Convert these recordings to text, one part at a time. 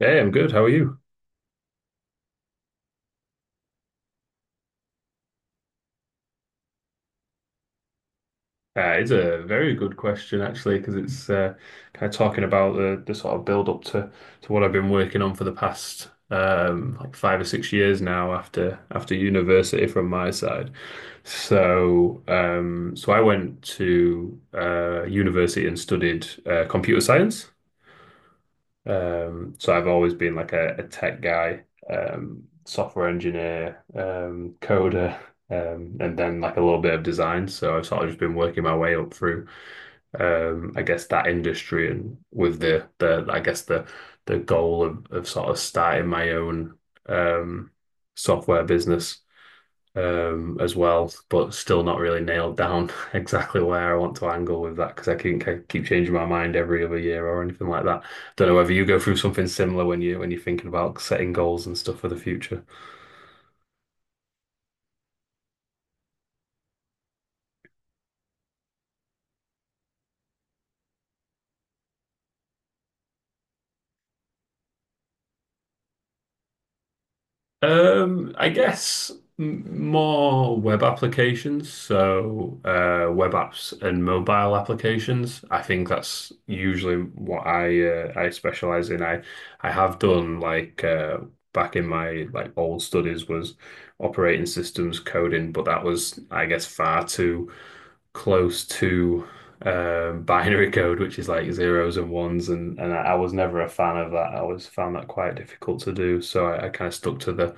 Hey, I'm good. How are you? It's a very good question actually, because it's kind of talking about the sort of build up to what I've been working on for the past like 5 or 6 years now after university from my side. So I went to university and studied computer science. So I've always been like a tech guy, software engineer, coder, and then like a little bit of design. So I've sort of just been working my way up through, I guess that industry and with the I guess the goal of sort of starting my own um, software business as well, but still not really nailed down exactly where I want to angle with that because I keep changing my mind every other year or anything like that. Don't know whether you go through something similar when you're thinking about setting goals and stuff for the future. I guess more web applications, so web apps and mobile applications. I think that's usually what I specialize in. I have done like back in my like old studies was operating systems coding, but that was I guess far too close to binary code, which is like zeros and ones, and was never a fan of that. I always found that quite difficult to do, so I kind of stuck to the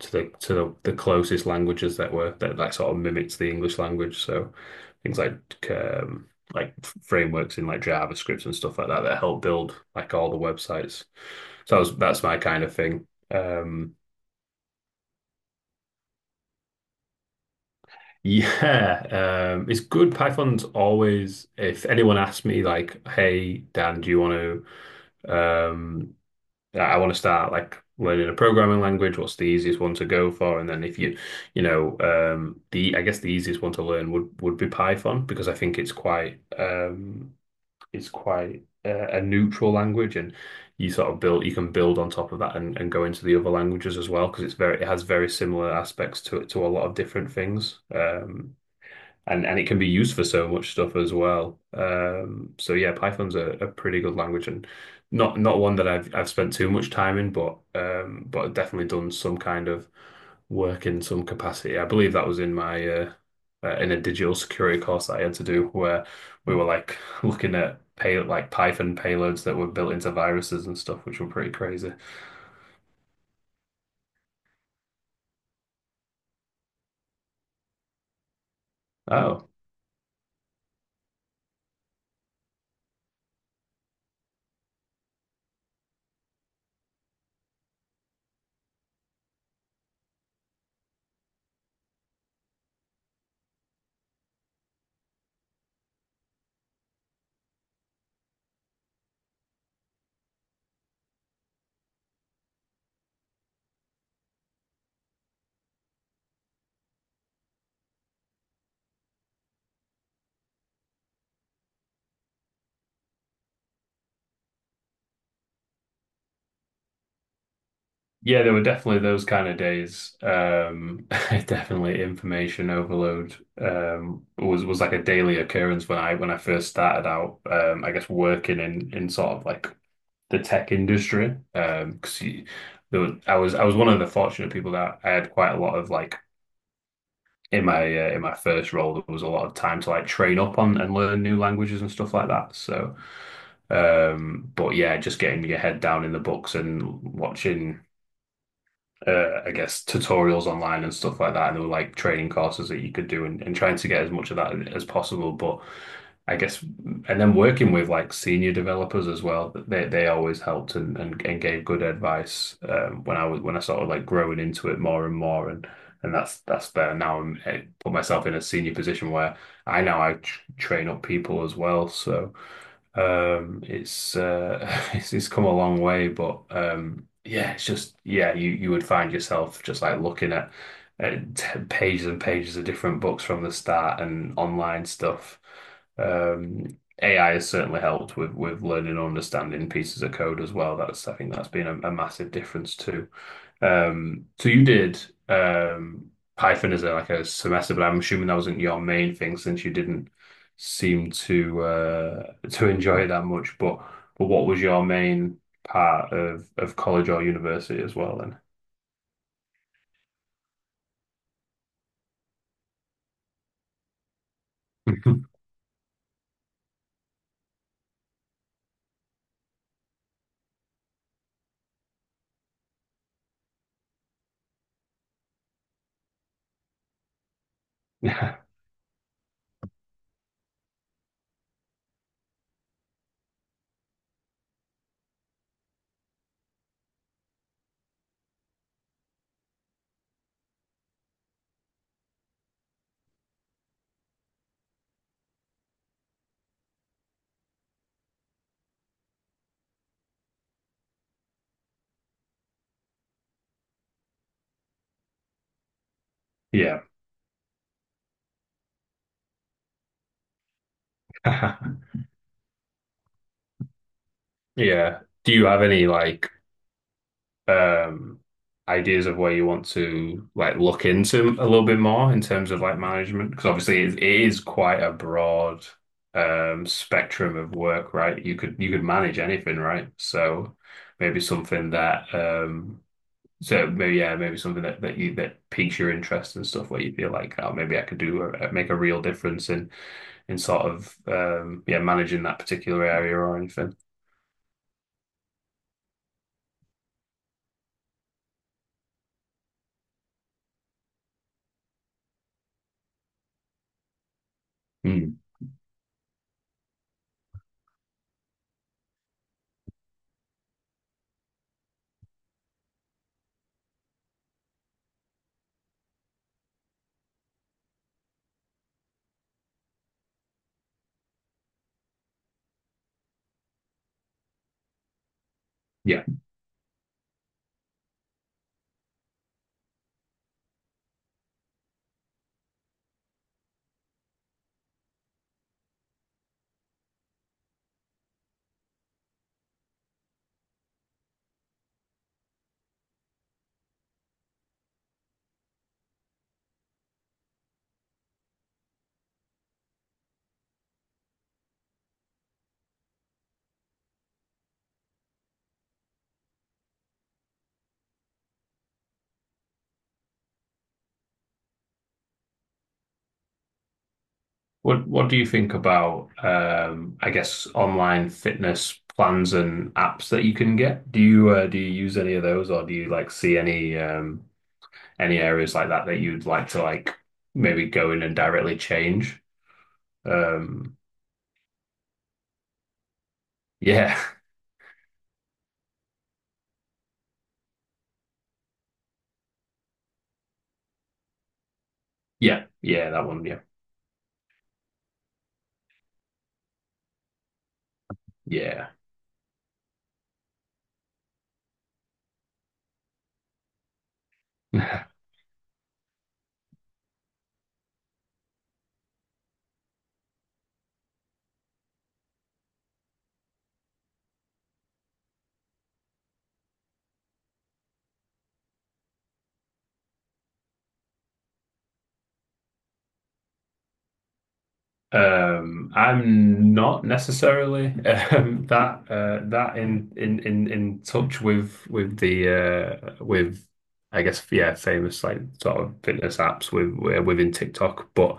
to the to the, the closest languages that were that sort of mimics the English language. So things like um, like frameworks in like JavaScript and stuff like that that help build like all the websites. That's my kind of thing. Yeah, it's good. Python's always, if anyone asks me, like, hey, Dan, do you want to Um, I want to start like learning a programming language. What's the easiest one to go for? And then if you, you know, the I guess the easiest one to learn would be Python because I think it's quite a neutral language, and you sort of build you can build on top of that and go into the other languages as well because it's very it has very similar aspects to it to a lot of different things. And it can be used for so much stuff as well. So yeah, Python's a pretty good language and not one that I've spent too much time in, but I've definitely done some kind of work in some capacity. I believe that was in my in a digital security course that I had to do where we were like looking at pay like Python payloads that were built into viruses and stuff, which were pretty crazy. Oh. Yeah, there were definitely those kind of days. Definitely information overload was like a daily occurrence when I first started out. I guess working in sort of like the tech industry. Because I was one of the fortunate people that I had quite a lot of like in my first role there was a lot of time to like train up on and learn new languages and stuff like that. So, but yeah, just getting your head down in the books and watching I guess tutorials online and stuff like that. And there were like training courses that you could do and trying to get as much of that as possible. But I guess and then working with like senior developers as well, they always helped and gave good advice when I was when I started like growing into it more and more and that's there now I put myself in a senior position where I tr train up people as well. So it's it's come a long way, but yeah, it's just yeah, you would find yourself just like looking at t pages and pages of different books from the start and online stuff. Um, AI has certainly helped with learning and understanding pieces of code as well. That's I think that's been a massive difference too. So you did um, Python as a semester, but I'm assuming that wasn't your main thing since you didn't seem to enjoy it that much. But what was your main part of college or university as well then? Yeah. Yeah. Yeah. Do you have any like um ideas of where you want to like look into a little bit more in terms of like management? Because obviously it is quite a broad spectrum of work, right? You could manage anything, right? So maybe something that so maybe yeah, maybe something that you that piques your interest and stuff where you feel like oh maybe I could make a real difference in sort of yeah managing that particular area or anything. Mm. Yeah. What do you think about I guess online fitness plans and apps that you can get? Do you use any of those or do you like see any areas like that that you'd like to like maybe go in and directly change? Um, yeah. Yeah. Yeah, that one. Yeah. Yeah. I'm not necessarily that in touch with the with I guess yeah famous like sort of fitness apps with within TikTok, but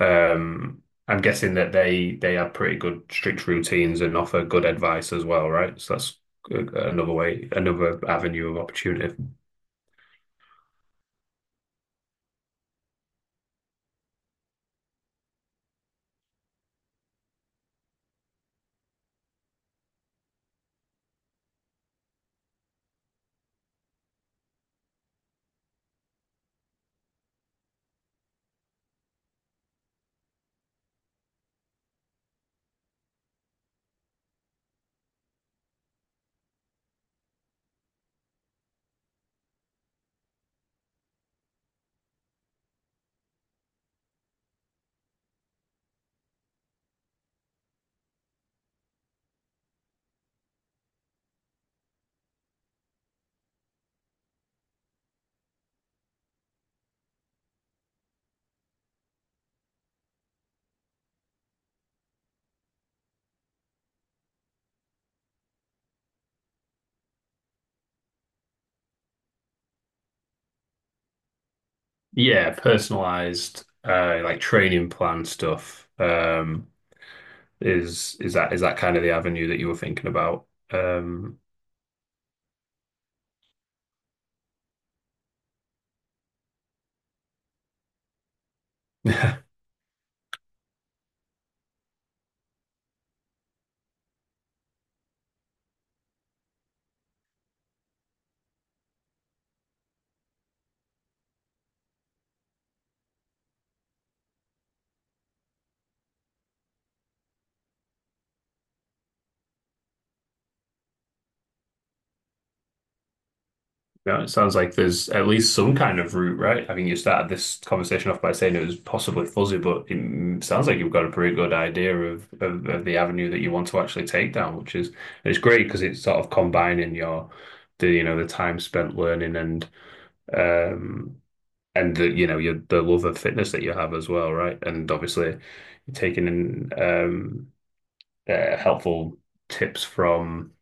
um, I'm guessing that they have pretty good strict routines and offer good advice as well, right? So that's another way, another avenue of opportunity. Yeah, personalized like training plan stuff is that kind of the avenue that you were thinking about? Um Yeah, it sounds like there's at least some kind of route, right? I mean, you started this conversation off by saying it was possibly fuzzy, but it sounds like you've got a pretty good idea of the avenue that you want to actually take down, which is it's great because it's sort of combining your the you know the time spent learning um and the you know your the love of fitness that you have as well, right? And obviously you're taking in helpful tips from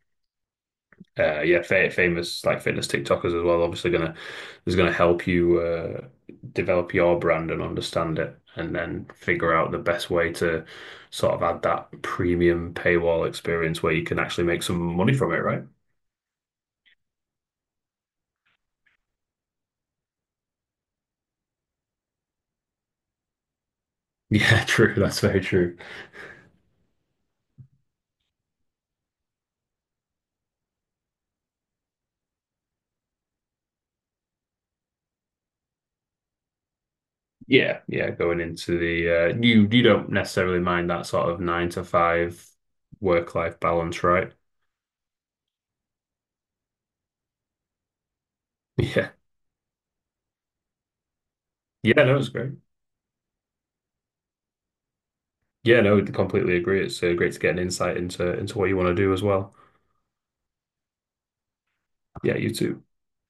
yeah, fa famous like fitness TikTokers as well. Obviously, gonna help you develop your brand and understand it, and then figure out the best way to sort of add that premium paywall experience where you can actually make some money from it, right? Yeah, true. That's very true. Yeah, yeah. Going into the you don't necessarily mind that sort of nine to five work life balance, right? Yeah, yeah. No, it's great. Yeah, no, completely agree. It's great to get an insight into what you want to do as well. Yeah, you too.